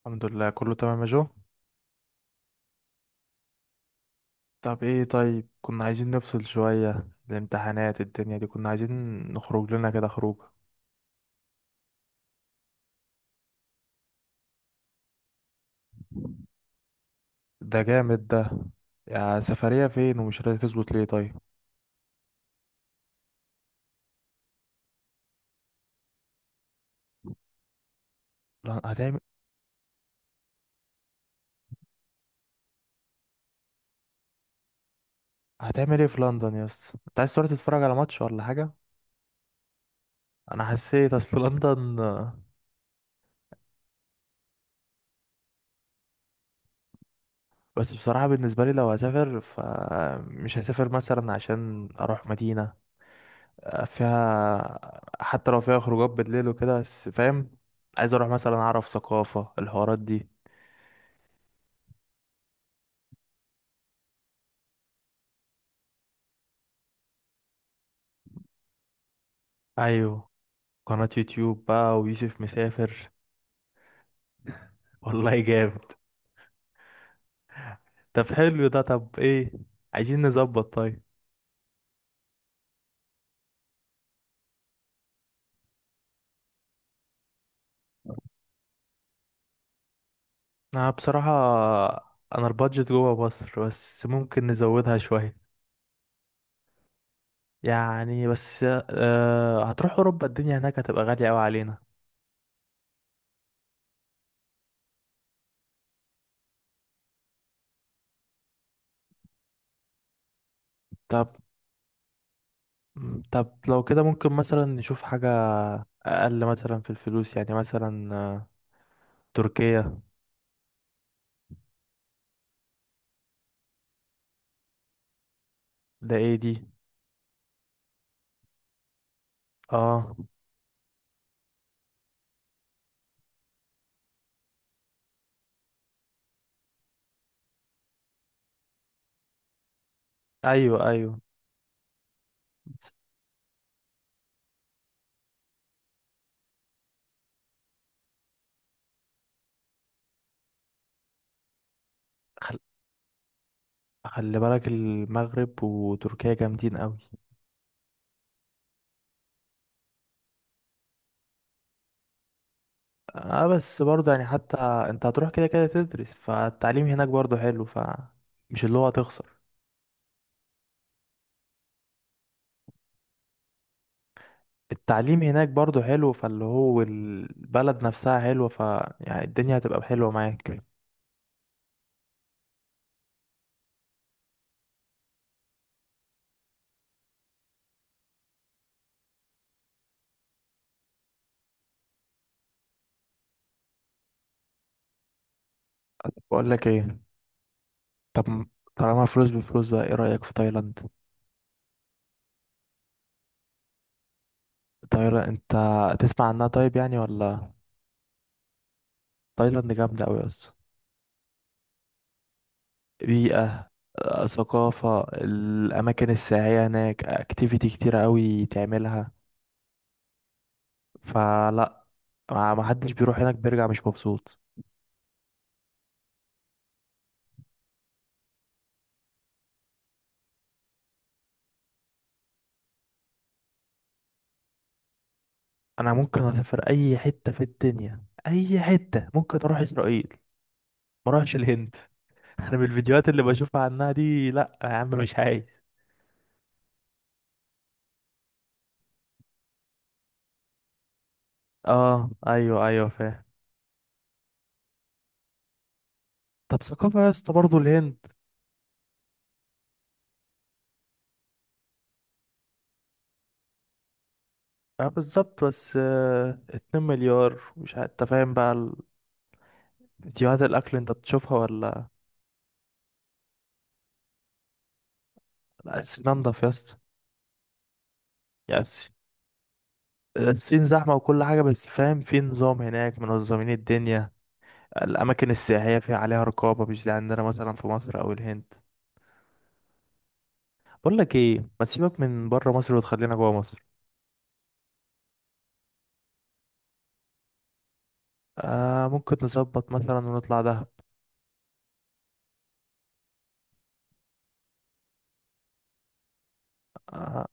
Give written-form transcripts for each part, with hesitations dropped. الحمد لله كله تمام يا جو. طب ايه؟ طيب، كنا عايزين نفصل شوية، الامتحانات الدنيا دي كنا عايزين نخرج لنا كده خروج. ده جامد ده. يا سفرية فين ومش راضي تظبط ليه؟ طيب، لا هتعمل. هتعمل ايه في لندن يا اسطى؟ انت عايز تروح تتفرج على ماتش ولا حاجة؟ انا حسيت اصل لندن بس بصراحة بالنسبة لي لو هسافر فمش هسافر مثلا عشان اروح مدينة فيها، حتى لو فيها خروجات بالليل وكده، بس فاهم. عايز اروح مثلا اعرف ثقافة الحوارات دي. ايوه، قناة يوتيوب بقى ويوسف مسافر. والله جامد. طب حلو ده. طب ايه؟ عايزين نظبط طيب. انا بصراحة، انا البادجت جوه مصر بس ممكن نزودها شوية يعني. بس هتروح اوروبا، الدنيا هناك هتبقى غالية قوي علينا. طب طب لو كده ممكن مثلا نشوف حاجة اقل مثلا في الفلوس، يعني مثلا تركيا. ده ايه دي؟ اه، ايوه ايوه. بس خل... خلي بالك، المغرب وتركيا جامدين قوي. اه، بس برضه يعني حتى انت هتروح كده كده تدرس، فالتعليم هناك برضه حلو. ف مش اللي هو هتخسر. التعليم هناك برضه حلو، فاللي هو البلد نفسها حلوة، ف يعني الدنيا هتبقى حلوة معاك. بقول لك ايه، طب طالما فلوس بفلوس بقى، ايه رأيك في تايلاند؟ تايلاند، انت تسمع عنها طيب يعني ولا؟ تايلاند جامدة قوي يا اسطى. بيئة، ثقافة، الأماكن السياحية هناك. أكتيفيتي كتيرة قوي تعملها، فلا ما حدش بيروح هناك بيرجع مش مبسوط. انا ممكن اسافر اي حته في الدنيا، اي حته، ممكن اروح اسرائيل، ما اروحش الهند. انا من الفيديوهات اللي بشوفها عنها دي، لا يا عم مش عايز. اه، ايوه ايوه فاهم. طب ثقافه يا اسطى برضه الهند. اه بالظبط، بس 2 مليار مش عارف انت فاهم بقى فيديوهات الاكل انت بتشوفها ولا؟ لا الصين انضف يا اسطى. يعني الصين زحمه وكل حاجه، بس فاهم في نظام هناك، منظمين الدنيا. الاماكن السياحيه فيها عليها رقابه، مش زي عندنا مثلا في مصر او الهند. بقول لك ايه، ما تسيبك من بره مصر وتخلينا جوه مصر. آه ممكن نظبط مثلا ونطلع دهب. آه،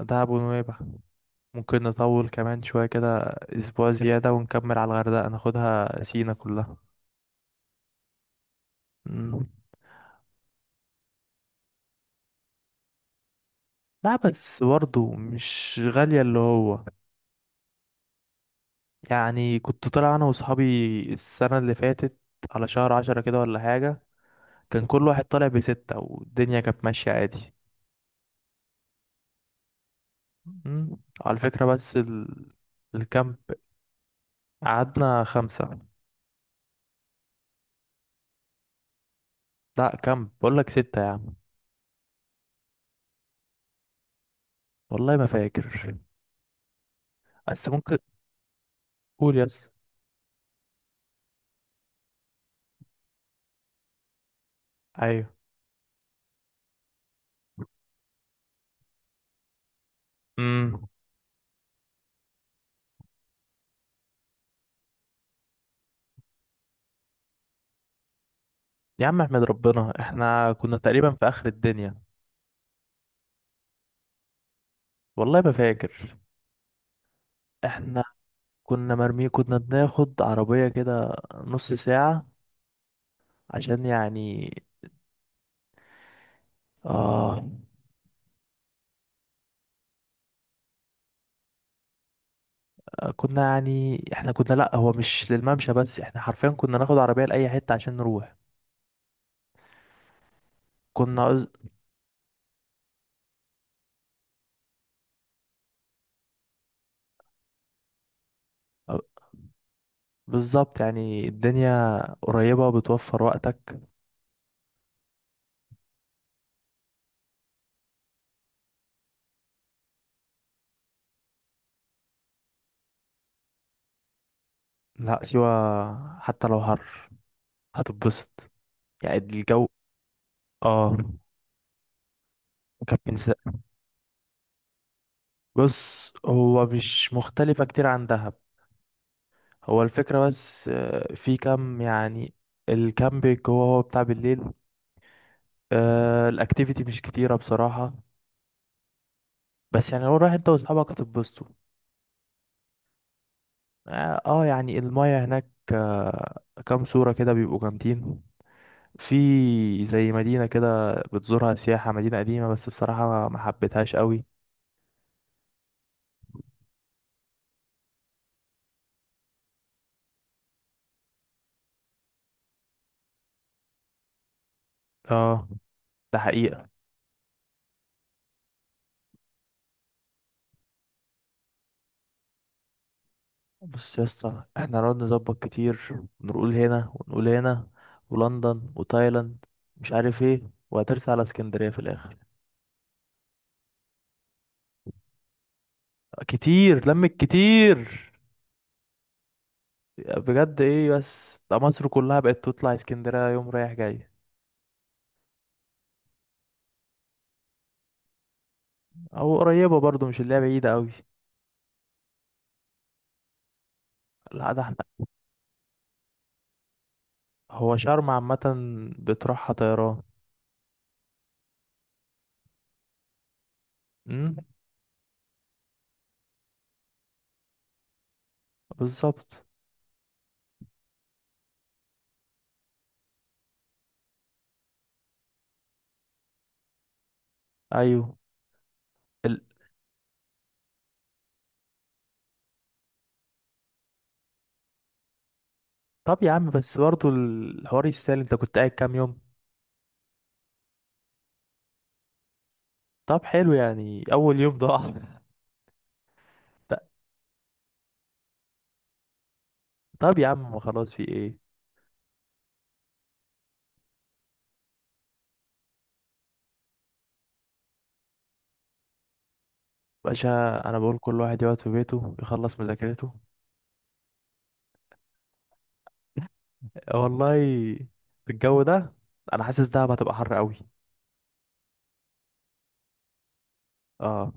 دهب ونويبع، ممكن نطول كمان شويه كده، اسبوع زياده ونكمل على الغردقه، ناخدها سينا كلها. مم. لا بس برضه مش غالية اللي هو. يعني كنت طالع أنا وصحابي السنة اللي فاتت على شهر 10 كده ولا حاجة، كان كل واحد طالع بستة والدنيا كانت ماشية عادي. مم. على فكرة بس الكامب قعدنا خمسة. لا كامب، بقول لك ستة يا عم. والله ما فاكر بس ممكن. قول، يس. ايوه. امم. يا عم احمد ربنا احنا كنا تقريبا في اخر الدنيا. والله ما فاكر. احنا كنا مرمي، كنا بناخد عربية كده نص ساعة عشان يعني اه. كنا يعني احنا كنا، لا هو مش للممشى، بس احنا حرفيا كنا ناخد عربية لأي حتة عشان نروح. كنا عز... بالظبط، يعني الدنيا قريبة بتوفر وقتك. لا سيوة حتى لو حر هتتبسط. يعني الجو اه. كابتن سا- بص هو مش مختلفة كتير عن دهب. هو الفكرة بس في كام يعني. الكامبينج هو بتاع بالليل. الاكتيفيتي مش كتيرة بصراحة، بس يعني لو رايح انت واصحابك هتتبسطوا. اه، يعني المايه هناك كام صورة كده بيبقوا جامدين. في زي مدينة كده بتزورها سياحة، مدينة قديمة، بس بصراحة ما حبيتهاش قوي. اه، ده حقيقة. بص يا اسطى، احنا نقعد نظبط كتير، ونقول هنا ونقول هنا، ولندن وتايلاند، مش عارف ايه، وهترسى على اسكندرية في الآخر. كتير لمك كتير. بجد. ايه بس ده، مصر كلها بقت تطلع اسكندرية يوم رايح جاي. او قريبة برضو، مش اللي هي بعيدة قوي. لا ده احنا، هو شرم عامة بتروحها طيران. امم. بالظبط. ايوه، ال... طب يا عم بس برضه الحوار يستاهل، انت كنت قاعد كام يوم؟ طب حلو، يعني اول يوم ضاع. ط- طب يا عم خلاص، في ايه؟ باشا، انا بقول كل واحد يقعد في بيته يخلص مذاكرته. والله في الجو ده انا حاسس دهب هتبقى حر قوي. اه،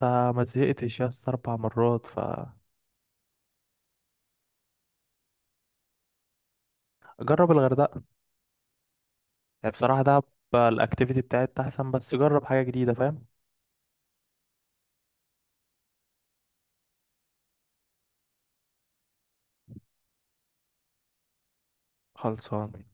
فما زهقتش يا اسطى 4 مرات، فجرب. الغردقه. يعني بصراحه دهب الاكتيفيتي بتاعتها احسن، بس جرب حاجه جديده فاهم. خلصان.